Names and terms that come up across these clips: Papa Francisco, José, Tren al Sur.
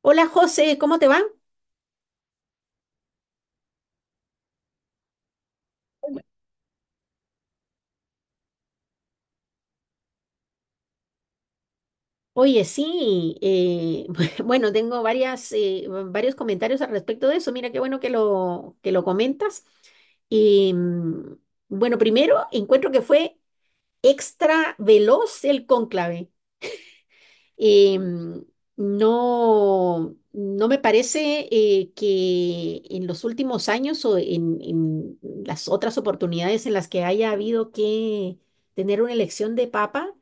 Hola José, ¿cómo te va? Oye, sí, bueno, tengo varios comentarios al respecto de eso. Mira, qué bueno que lo comentas. Y, mm, bueno, primero, encuentro que fue extra veloz el cónclave. Eh, no me parece que en los últimos años o en las otras oportunidades en las que haya habido que tener una elección de papa,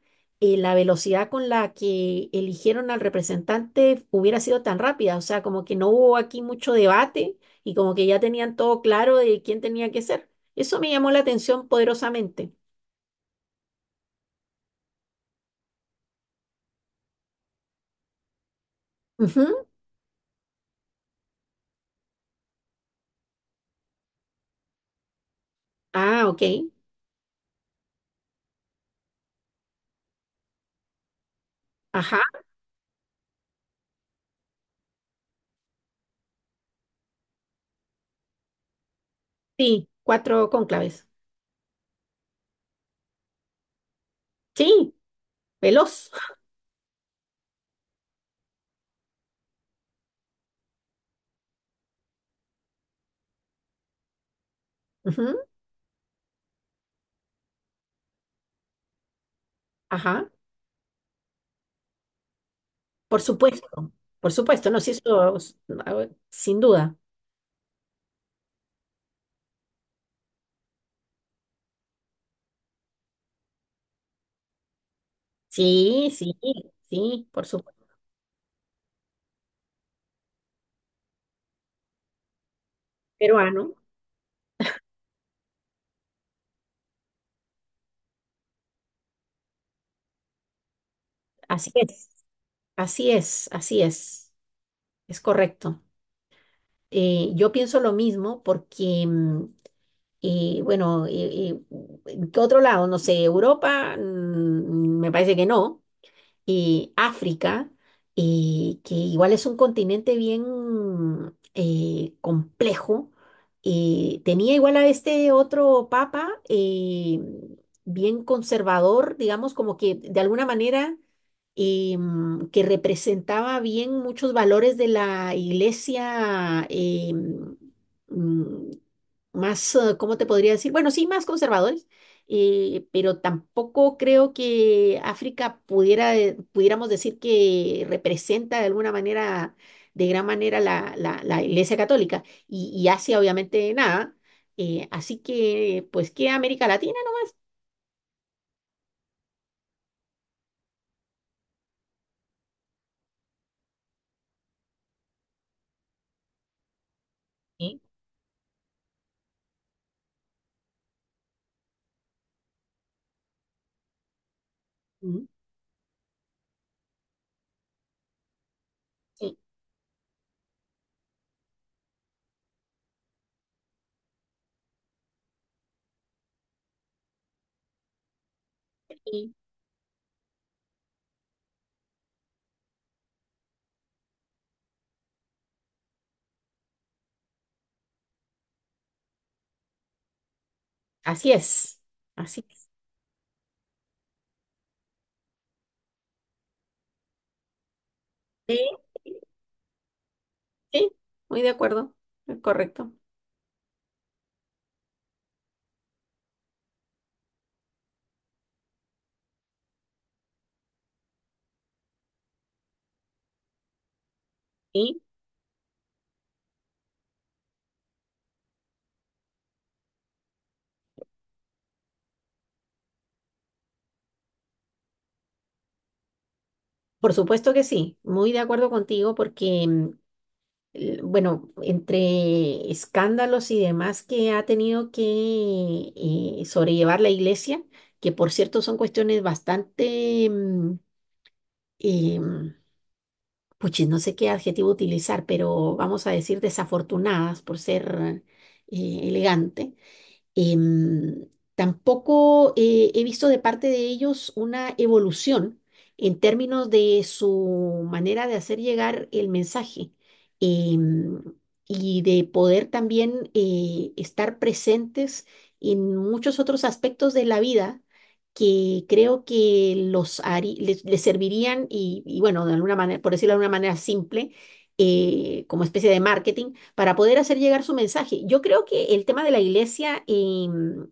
la velocidad con la que eligieron al representante hubiera sido tan rápida. O sea, como que no hubo aquí mucho debate y como que ya tenían todo claro de quién tenía que ser. Eso me llamó la atención poderosamente. Ujú. Ah, ok. Ajá. Sí, cuatro cónclaves. Sí. Veloz. Ujú. Ajá. Por supuesto. Por supuesto. No, sí, a ver, sin duda. Sí, sí, sí, por supuesto. Peruano. Así es. Así es, así es. Es correcto. Yo pienso lo mismo porque, bueno, ¿qué otro lado? No sé, Europa, me parece que no. Y África, que igual es un continente bien complejo. Tenía igual a este otro papa bien conservador, digamos, como que de alguna manera que representaba bien muchos valores de la iglesia mm, más, ¿cómo te podría decir? Bueno, sí, más conservadores, pero tampoco creo que África pudiéramos decir que representa de alguna manera, de gran manera la iglesia católica y Asia obviamente nada. Así que, pues, ¿qué América Latina? ¿No? Sí. ¿No? Sí, así es, así. Sí, sí, muy de acuerdo, es correcto. Sí, por supuesto que sí, muy de acuerdo contigo porque, bueno, entre escándalos y demás que ha tenido que sobrellevar la iglesia, que por cierto son cuestiones bastante, eh, puchis, no sé qué adjetivo utilizar, pero vamos a decir desafortunadas por ser elegante. Em, Tampoco he visto de parte de ellos una evolución en términos de su manera de hacer llegar el mensaje em, y de poder también estar presentes en muchos otros aspectos de la vida que creo que les, les servirían y bueno, de alguna manera, por decirlo de una manera simple, como especie de marketing para poder hacer llegar su mensaje. Yo creo que el tema de la iglesia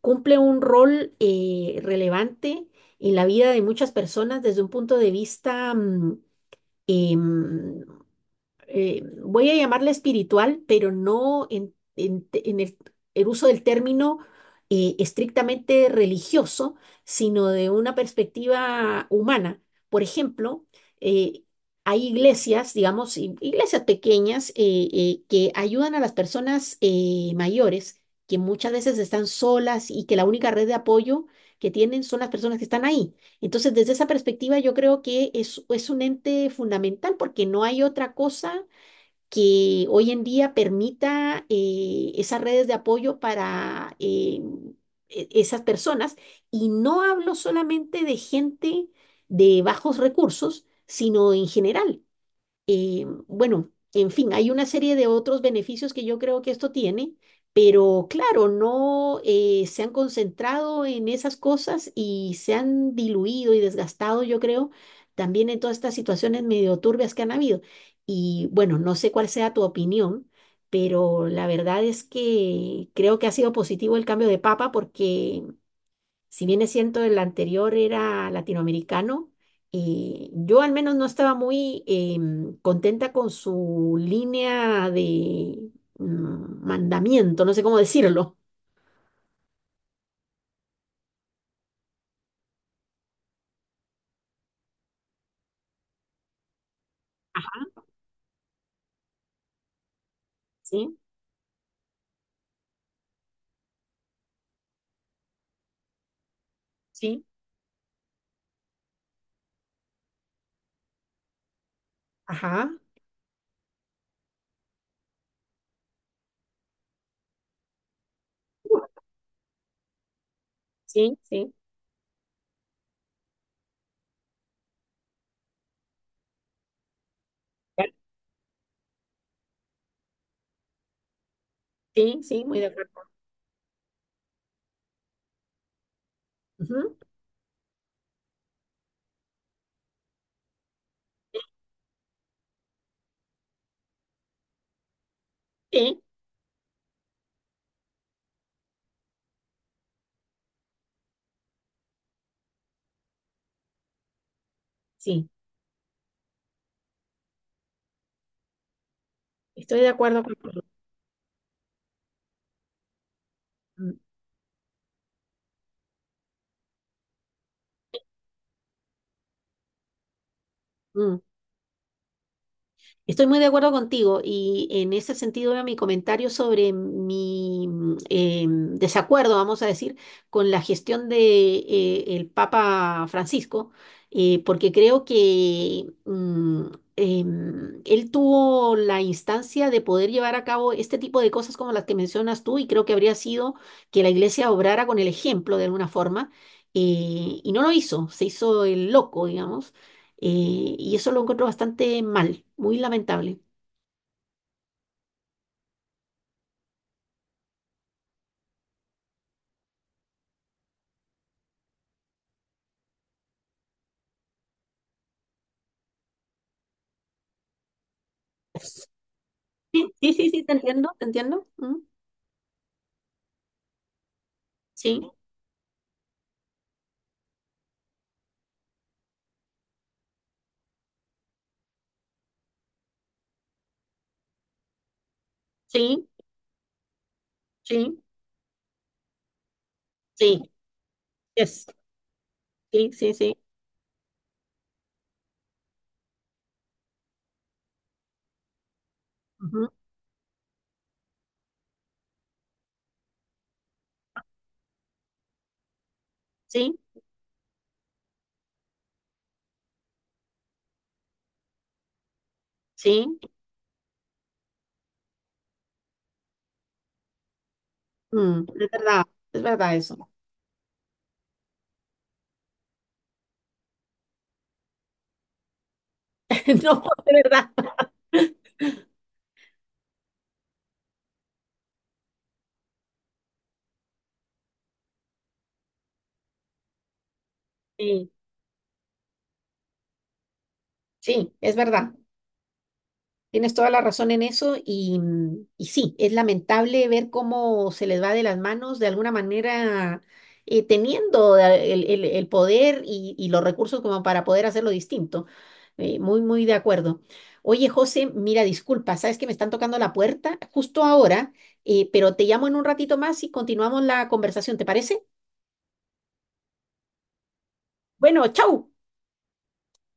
cumple un rol relevante en la vida de muchas personas desde un punto de vista em, voy a llamarla espiritual, pero no en el uso del término estrictamente religioso, sino de una perspectiva humana. Por ejemplo, eh, hay iglesias, digamos, iglesias pequeñas que ayudan a las personas mayores, que muchas veces están solas y que la única red de apoyo que tienen son las personas que están ahí. Entonces, desde esa perspectiva, yo creo que es un ente fundamental porque no hay otra cosa que hoy en día permita esas redes de apoyo para esas personas. Y no hablo solamente de gente de bajos recursos, sino en general. Bueno, en fin, hay una serie de otros beneficios que yo creo que esto tiene, pero claro, no se han concentrado en esas cosas y se han diluido y desgastado, yo creo, también en todas estas situaciones medio turbias que han habido. Y bueno, no sé cuál sea tu opinión, pero la verdad es que creo que ha sido positivo el cambio de papa porque si bien es cierto, el anterior era latinoamericano, y yo al menos no estaba muy contenta con su línea de mandamiento, no sé cómo decirlo. Ajá, sí, sí, ajá, sí, sí, sí, sí, muy de acuerdo. Ujú, sí, sí, estoy de acuerdo con... Mm. Mm. Estoy muy de acuerdo contigo y en ese sentido era mi comentario sobre mi desacuerdo, vamos a decir, con la gestión de el Papa Francisco, porque creo que él tuvo la instancia de poder llevar a cabo este tipo de cosas como las que mencionas tú y creo que habría sido que la Iglesia obrara con el ejemplo de alguna forma y no lo hizo, se hizo el loco, digamos. Y eso lo encuentro bastante mal, muy lamentable. Sí, sí, sí, te entiendo, te entiendo. Mm. Sí, sí, sí, sí, yes, sí, sí, sí, ujú, sí, sí, mm, es verdad eso. No, es verdad. Sí, sí, es verdad. Tienes toda la razón en eso y, mm, y sí, es lamentable ver cómo se les va de las manos de alguna manera teniendo el poder y los recursos como para poder hacerlo distinto. Muy, muy de acuerdo. Oye, José, mira, disculpa, sabes que me están tocando la puerta justo ahora, pero te llamo en un ratito más y continuamos la conversación, ¿te parece? Bueno, chau.